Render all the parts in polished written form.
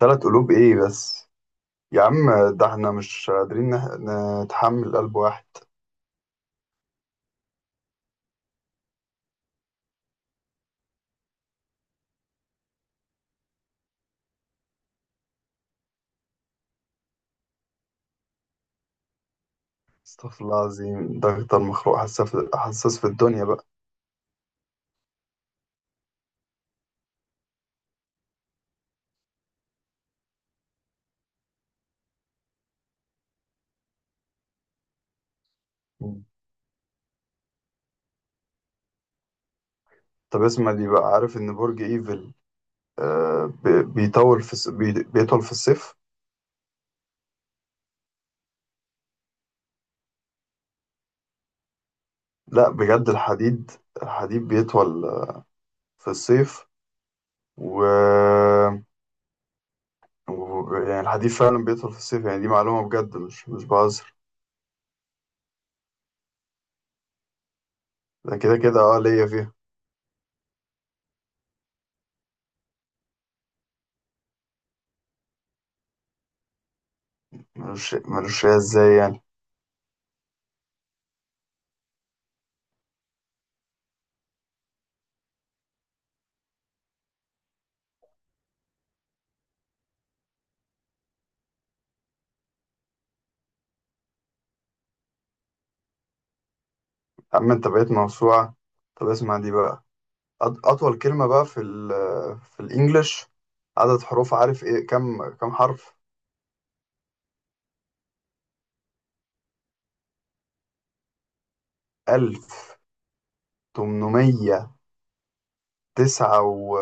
ثلاث قلوب ايه بس، يا عم، ده احنا مش قادرين نتحمل قلب واحد. استغفر الله العظيم، ده اكتر مخلوق حساس في الدنيا بقى. مم. طب اسمع دي بقى، عارف ان برج ايفل بيطول في الصيف؟ لا، بجد، الحديد بيطول في الصيف و... و يعني الحديد فعلا بيطول في الصيف. يعني دي معلومة بجد، مش بهزر. ده كده كده ليا فيها. ملوش فيها ازاي يعني؟ عم، انت بقيت موسوعة. طب اسمع دي بقى، أطول كلمة بقى في الإنجليش، عدد حروف، عارف إيه؟ كم حرف؟ 1809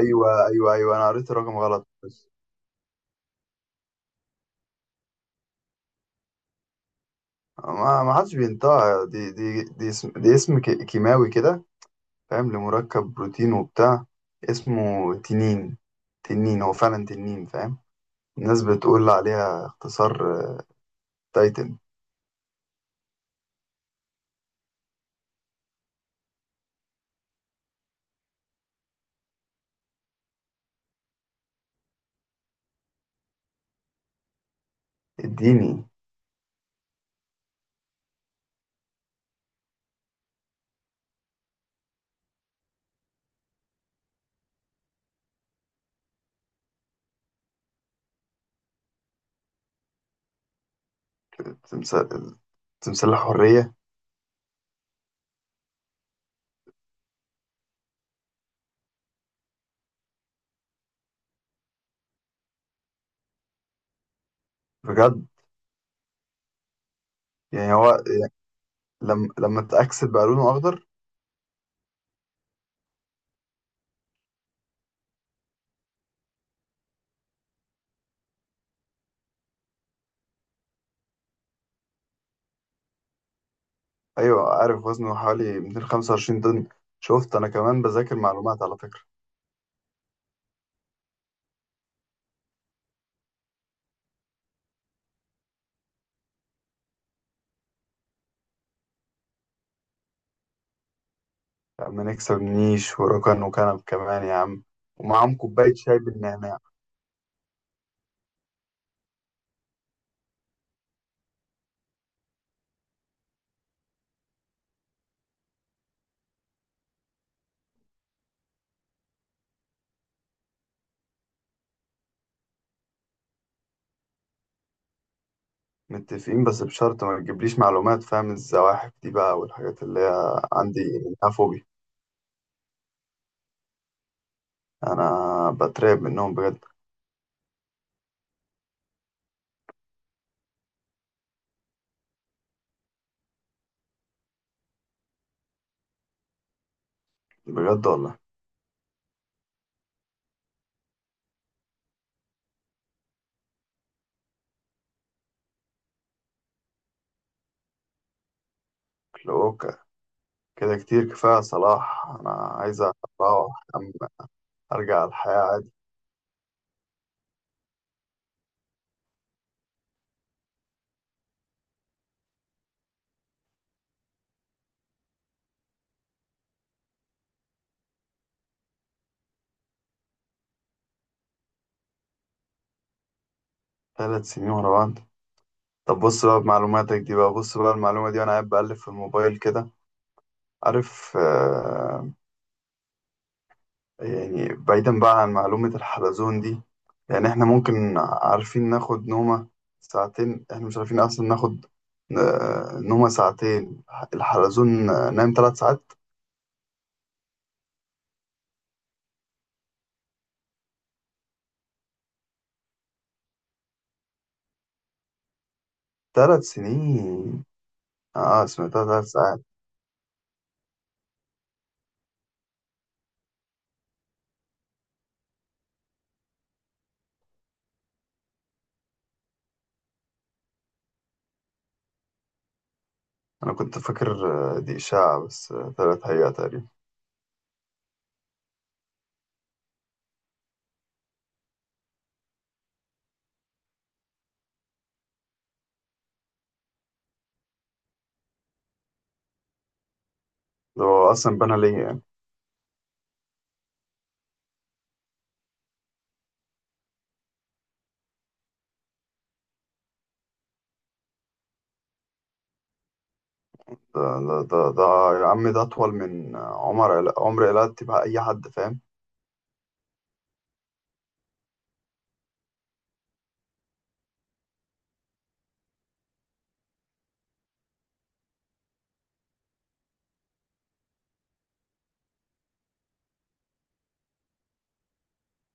أيوة، أيوة، أيوة، أنا قريت الرقم غلط بس. ما حدش بينطقها. دي اسم كيماوي كده، فاهم، لمركب بروتين وبتاع. اسمه تنين، تنين هو فعلا تنين، فاهم. الناس بتقول عليها اختصار تايتن. اديني. تمثال تمثال الحرية. بجد؟ يعني هو لما اتأكسد بقى لونه أخضر؟ أيوه، عارف وزنه حوالي 225 طن. شفت، أنا كمان بذاكر معلومات على فكرة. يا عم نكسب نيش وركن وكنب كمان، يا عم، ومعاهم كوباية شاي بالنعناع. متفقين، بس بشرط ما تجيبليش معلومات، فاهم، الزواحف دي بقى والحاجات اللي هي عندي منها فوبيا. أنا بترعب منهم بجد. بجد والله. لو كده كتير كفاية يا صلاح، أنا عايز أروح، أرجع الحياة عادي. ثلاث سنين ورا بعض؟ طب بص بقى بمعلوماتك دي بقى، بص بقى المعلومة دي، وأنا قاعد بقلب في الموبايل كده. عارف يعني بعيدا بقى عن معلومة الحلزون دي. يعني إحنا ممكن عارفين ناخد نومة ساعتين، إحنا مش عارفين أصلا ناخد نومة ساعتين. الحلزون نام 3 ساعات. 3 سنين؟ آه، سمعتها 3 ساعات. أنا كنت فاكر دي إشاعة، بس طلعت حقيقة تقريبا. ده هو أصلا بنى ليه يعني؟ ده ده يا عم، ده أطول من عمر عمر قلعت تبقى أي حد، فاهم.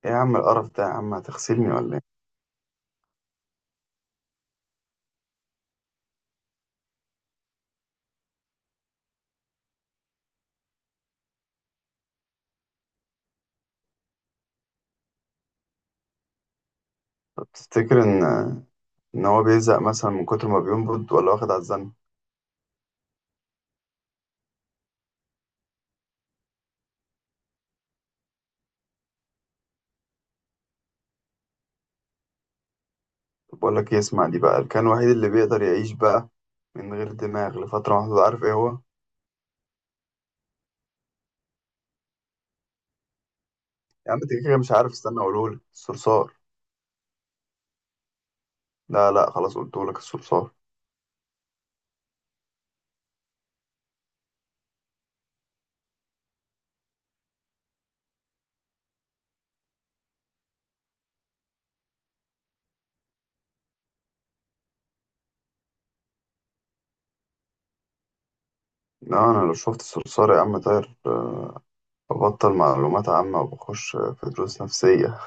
إيه يا عم القرف ده، يا عم، هتغسلني ولا إيه؟ طب تفتكر إن هو بيزهق مثلا من كتر ما بينبض، ولا واخد على الزن؟ طب بقول لك إيه، اسمع دي بقى، كان الوحيد اللي بيقدر يعيش بقى من غير دماغ لفترة محدودة، عارف إيه هو؟ يا عم أنت كده كده مش عارف، استنى أقولهولك، الصرصار. لا، لا، خلاص قلتهولك الصرصار. لا، أنا لو شفت الصرصار يا عم طاير، ببطل معلومات عامة وبخش في دروس نفسية.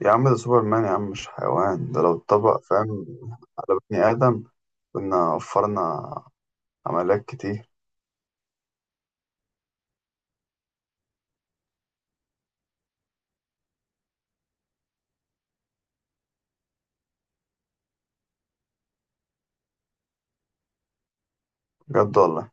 يا عم ده سوبرمان، يا عم مش حيوان، ده لو اتطبق، فاهم، على بني آدم كنا وفرنا عمليات كتير. بجد والله.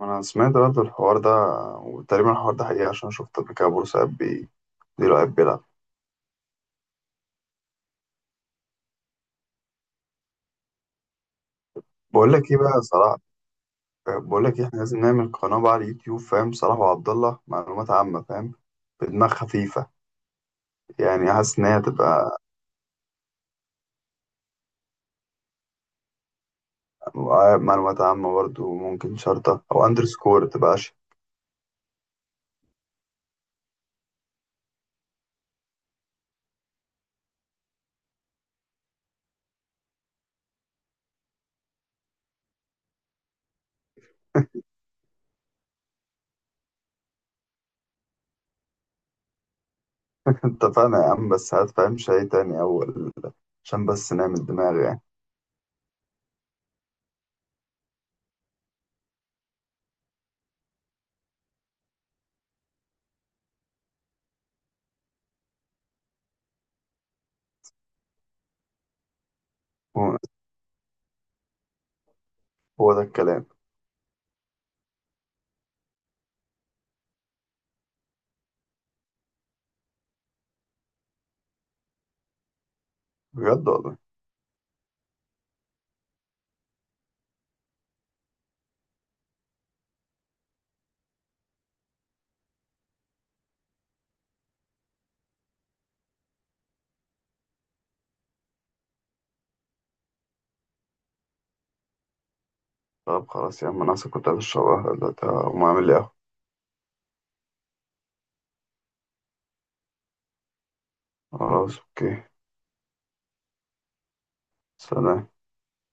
ما أنا سمعت برضه الحوار ده، وتقريبا الحوار ده حقيقي عشان شفت قبل كده بورسعيد ديرو قاعد بيلعب. بقول لك إيه بقى صلاح. بقول لك إيه، إحنا لازم نعمل قناة بقى على اليوتيوب، فاهم، صلاح وعبد الله معلومات عامة، فاهم، بدماغ خفيفة. يعني حاسس إن هي هتبقى. معلومات عامة برضه، ممكن شرطة أو أندرسكور تبقى. اتفقنا يا عم، بس هات فاهم شيء تاني أول عشان بس نعمل دماغ يعني. هو هو ده الكلام. بجد والله. طب خلاص يا عم، انا أصلا كنت عايز اشرب قهوة دلوقتي، هقوم اعمل لي قهوة. خلاص، اوكي، سلام.